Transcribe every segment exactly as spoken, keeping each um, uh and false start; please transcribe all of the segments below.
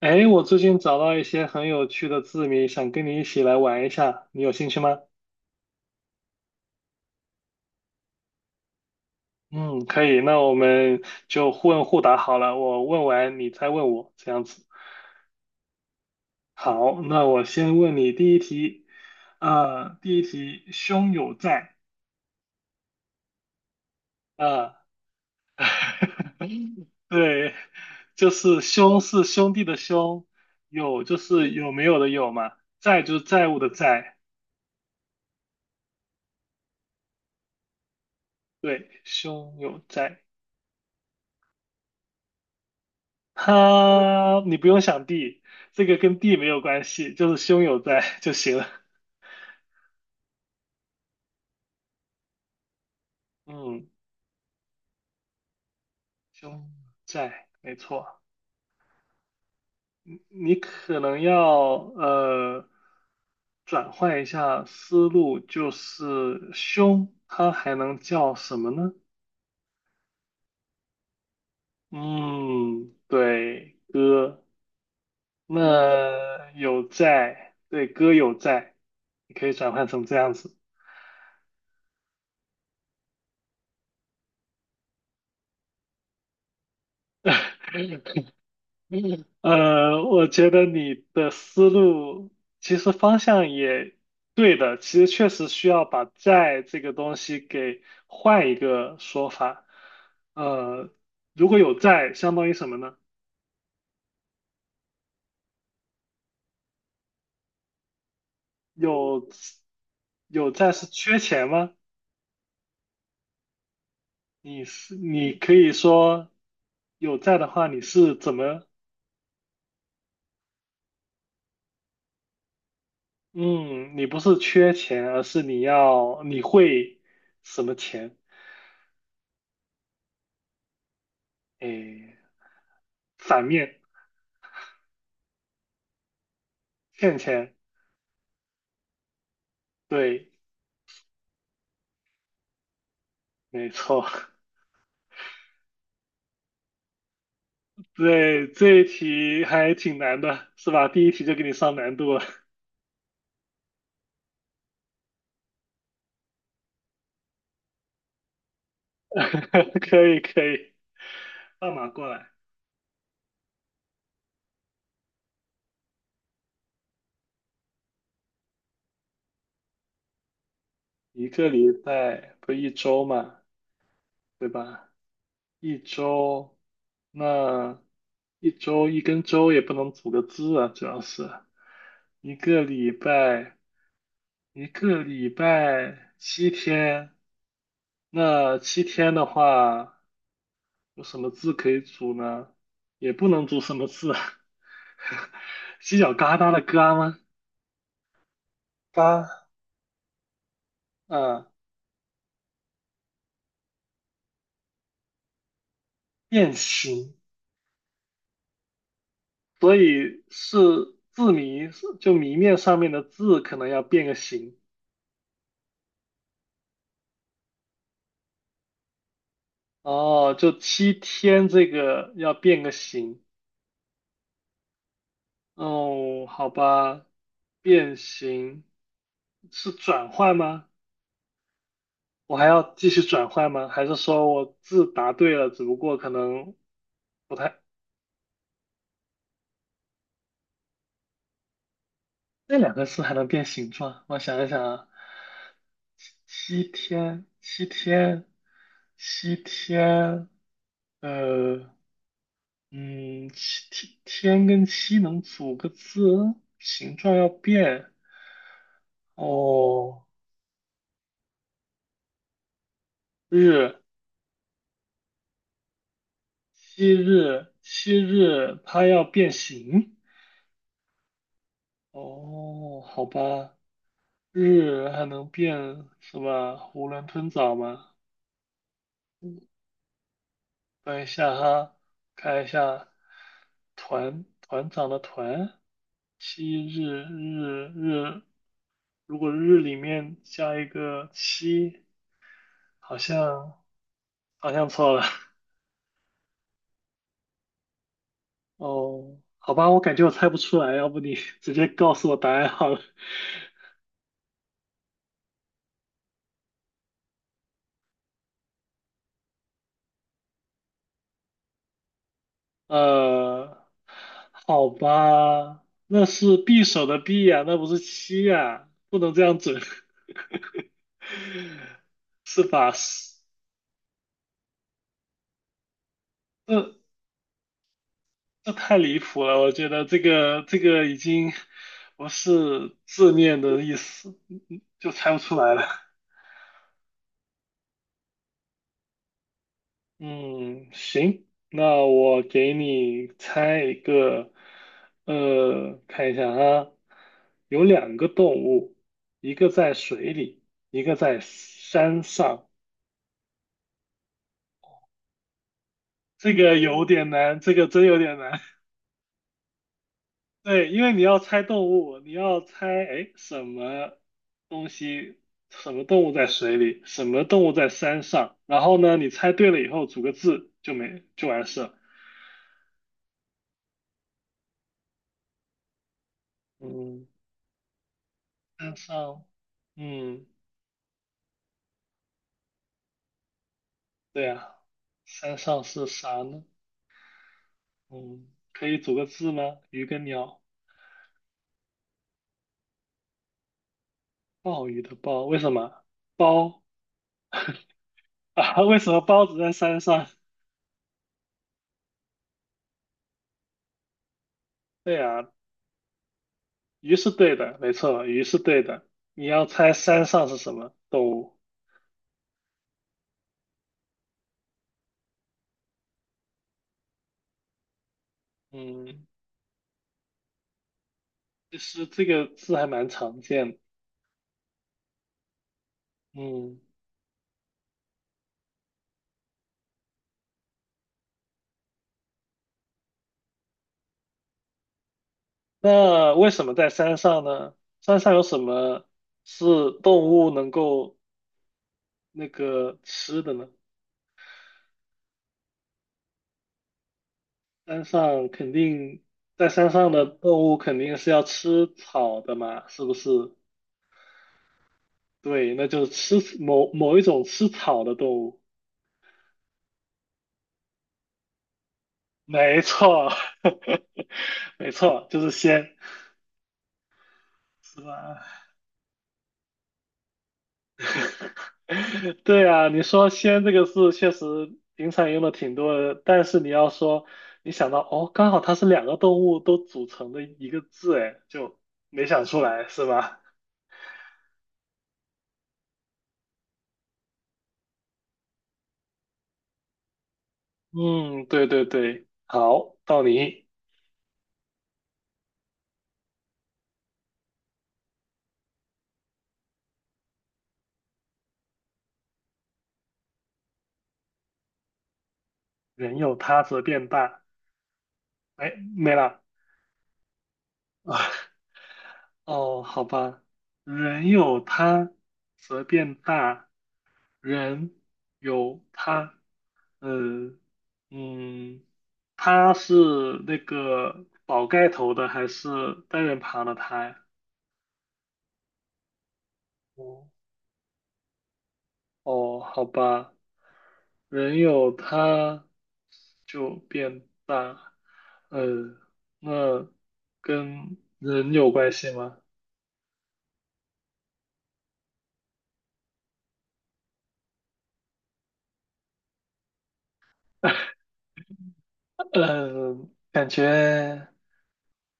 哎，我最近找到一些很有趣的字谜，想跟你一起来玩一下，你有兴趣吗？嗯，可以，那我们就互问互答好了，我问完你再问我，这样子。好，那我先问你第一题，啊、第一题，兄有债，啊 对，就是兄是兄弟的兄，有就是有没有的有嘛，债就是债务的债，对，兄有债。哈，你不用想地，这个跟地没有关系，就是胸有在就行了。嗯，胸在，没错。你可能要呃转换一下思路，就是胸它还能叫什么呢？嗯，对，那有在，对，歌有在，你可以转换成这样子。嗯呃，我觉得你的思路其实方向也对的，其实确实需要把债这个东西给换一个说法。呃，如果有债，相当于什么呢？有有债是缺钱吗？你是你可以说有债的话，你是怎么？嗯，你不是缺钱，而是你要你会什么钱？诶，反面欠钱。对，没错。对，这一题还挺难的，是吧？第一题就给你上难度了。可以，可以。放马过来，一个礼拜不一周嘛，对吧？一周，那一周一根周也不能组个字啊，主要是一个礼拜，一个礼拜七天，那七天的话，有什么字可以组呢？也不能组什么字啊 犄角旮旯的旮吗？八，嗯，变形，所以是字谜，就谜面上面的字可能要变个形。哦，就七天这个要变个形。哦，好吧，变形是转换吗？我还要继续转换吗？还是说我字答对了，只不过可能不太那两个字还能变形状？我想一想啊，七天，七天，七天，呃，嗯，七天天跟七能组个字，形状要变哦。日，七日，七日，它要变形哦。好吧，日还能变是吧？囫囵吞枣吗？等一下哈，看一下团团长的团，七日日日，如果日里面加一个七，好像好像错了。哦，好吧，我感觉我猜不出来，要不你直接告诉我答案好了。呃，好吧，那是匕首的匕呀、那不是七呀、不能这样整，是吧？是，那 这太离谱了，我觉得这个这个已经不是字面的意思，嗯嗯就猜不出来了。嗯，行，那我给你猜一个，呃，看一下啊，有两个动物，一个在水里，一个在山上。这个有点难，这个真有点难。对，因为你要猜动物，你要猜，哎，什么东西，什么动物在水里，什么动物在山上，然后呢，你猜对了以后组个字就没就完事了嗯，山上，嗯，对啊，山上是啥呢？嗯，可以组个字吗？鱼跟鸟，鲍鱼的鲍，为什么？包啊？为什么包子在山上？对啊，鱼是对的，没错，鱼是对的。你要猜山上是什么动物？嗯，其实这个字还蛮常见的。嗯，那为什么在山上呢？山上有什么是动物能够那个吃的呢？山上肯定，在山上的动物肯定是要吃草的嘛，是不是？对，那就是吃某某一种吃草的动物。没错，没错，就是仙，是吧？对啊，你说“仙”这个字确实平常用的挺多的，但是你要说你想到哦，刚好它是两个动物都组成的一个字，哎，就没想出来是吧？嗯，对对对，好，到你，人有他则变大，哎，没了。哦，好吧，人有他则变大，人有他嗯嗯，他是那个宝盖头的还是单人旁的他呀？哦，哦，好吧，人有他就变大，呃，那跟人有关系吗？嗯，感觉，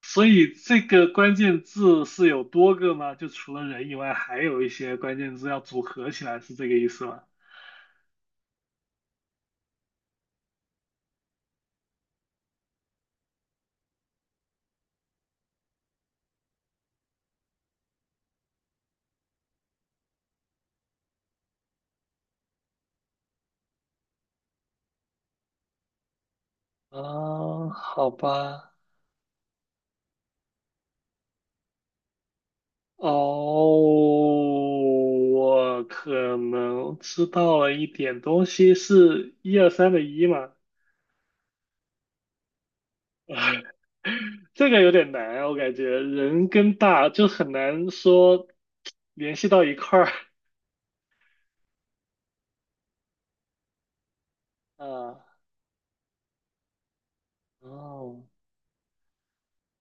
所以这个关键字是有多个吗？就除了人以外，还有一些关键字要组合起来，是这个意思吗？啊，好吧，哦，我可能知道了一点东西，是一二三的一吗？这个有点难啊，我感觉人跟大就很难说联系到一块儿啊。哦，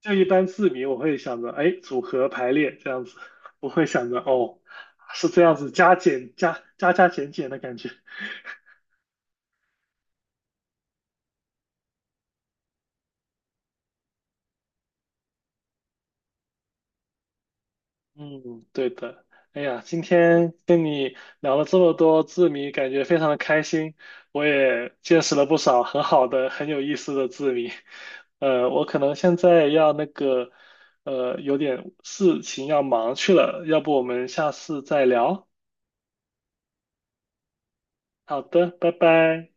就一般字谜我会想着，哎，组合排列这样子，不会想着哦，是这样子加减加加加减减的感觉。嗯，对的。哎呀，今天跟你聊了这么多字谜，感觉非常的开心。我也见识了不少很好的、很有意思的字谜。呃，我可能现在要那个，呃，有点事情要忙去了，要不我们下次再聊？好的，拜拜。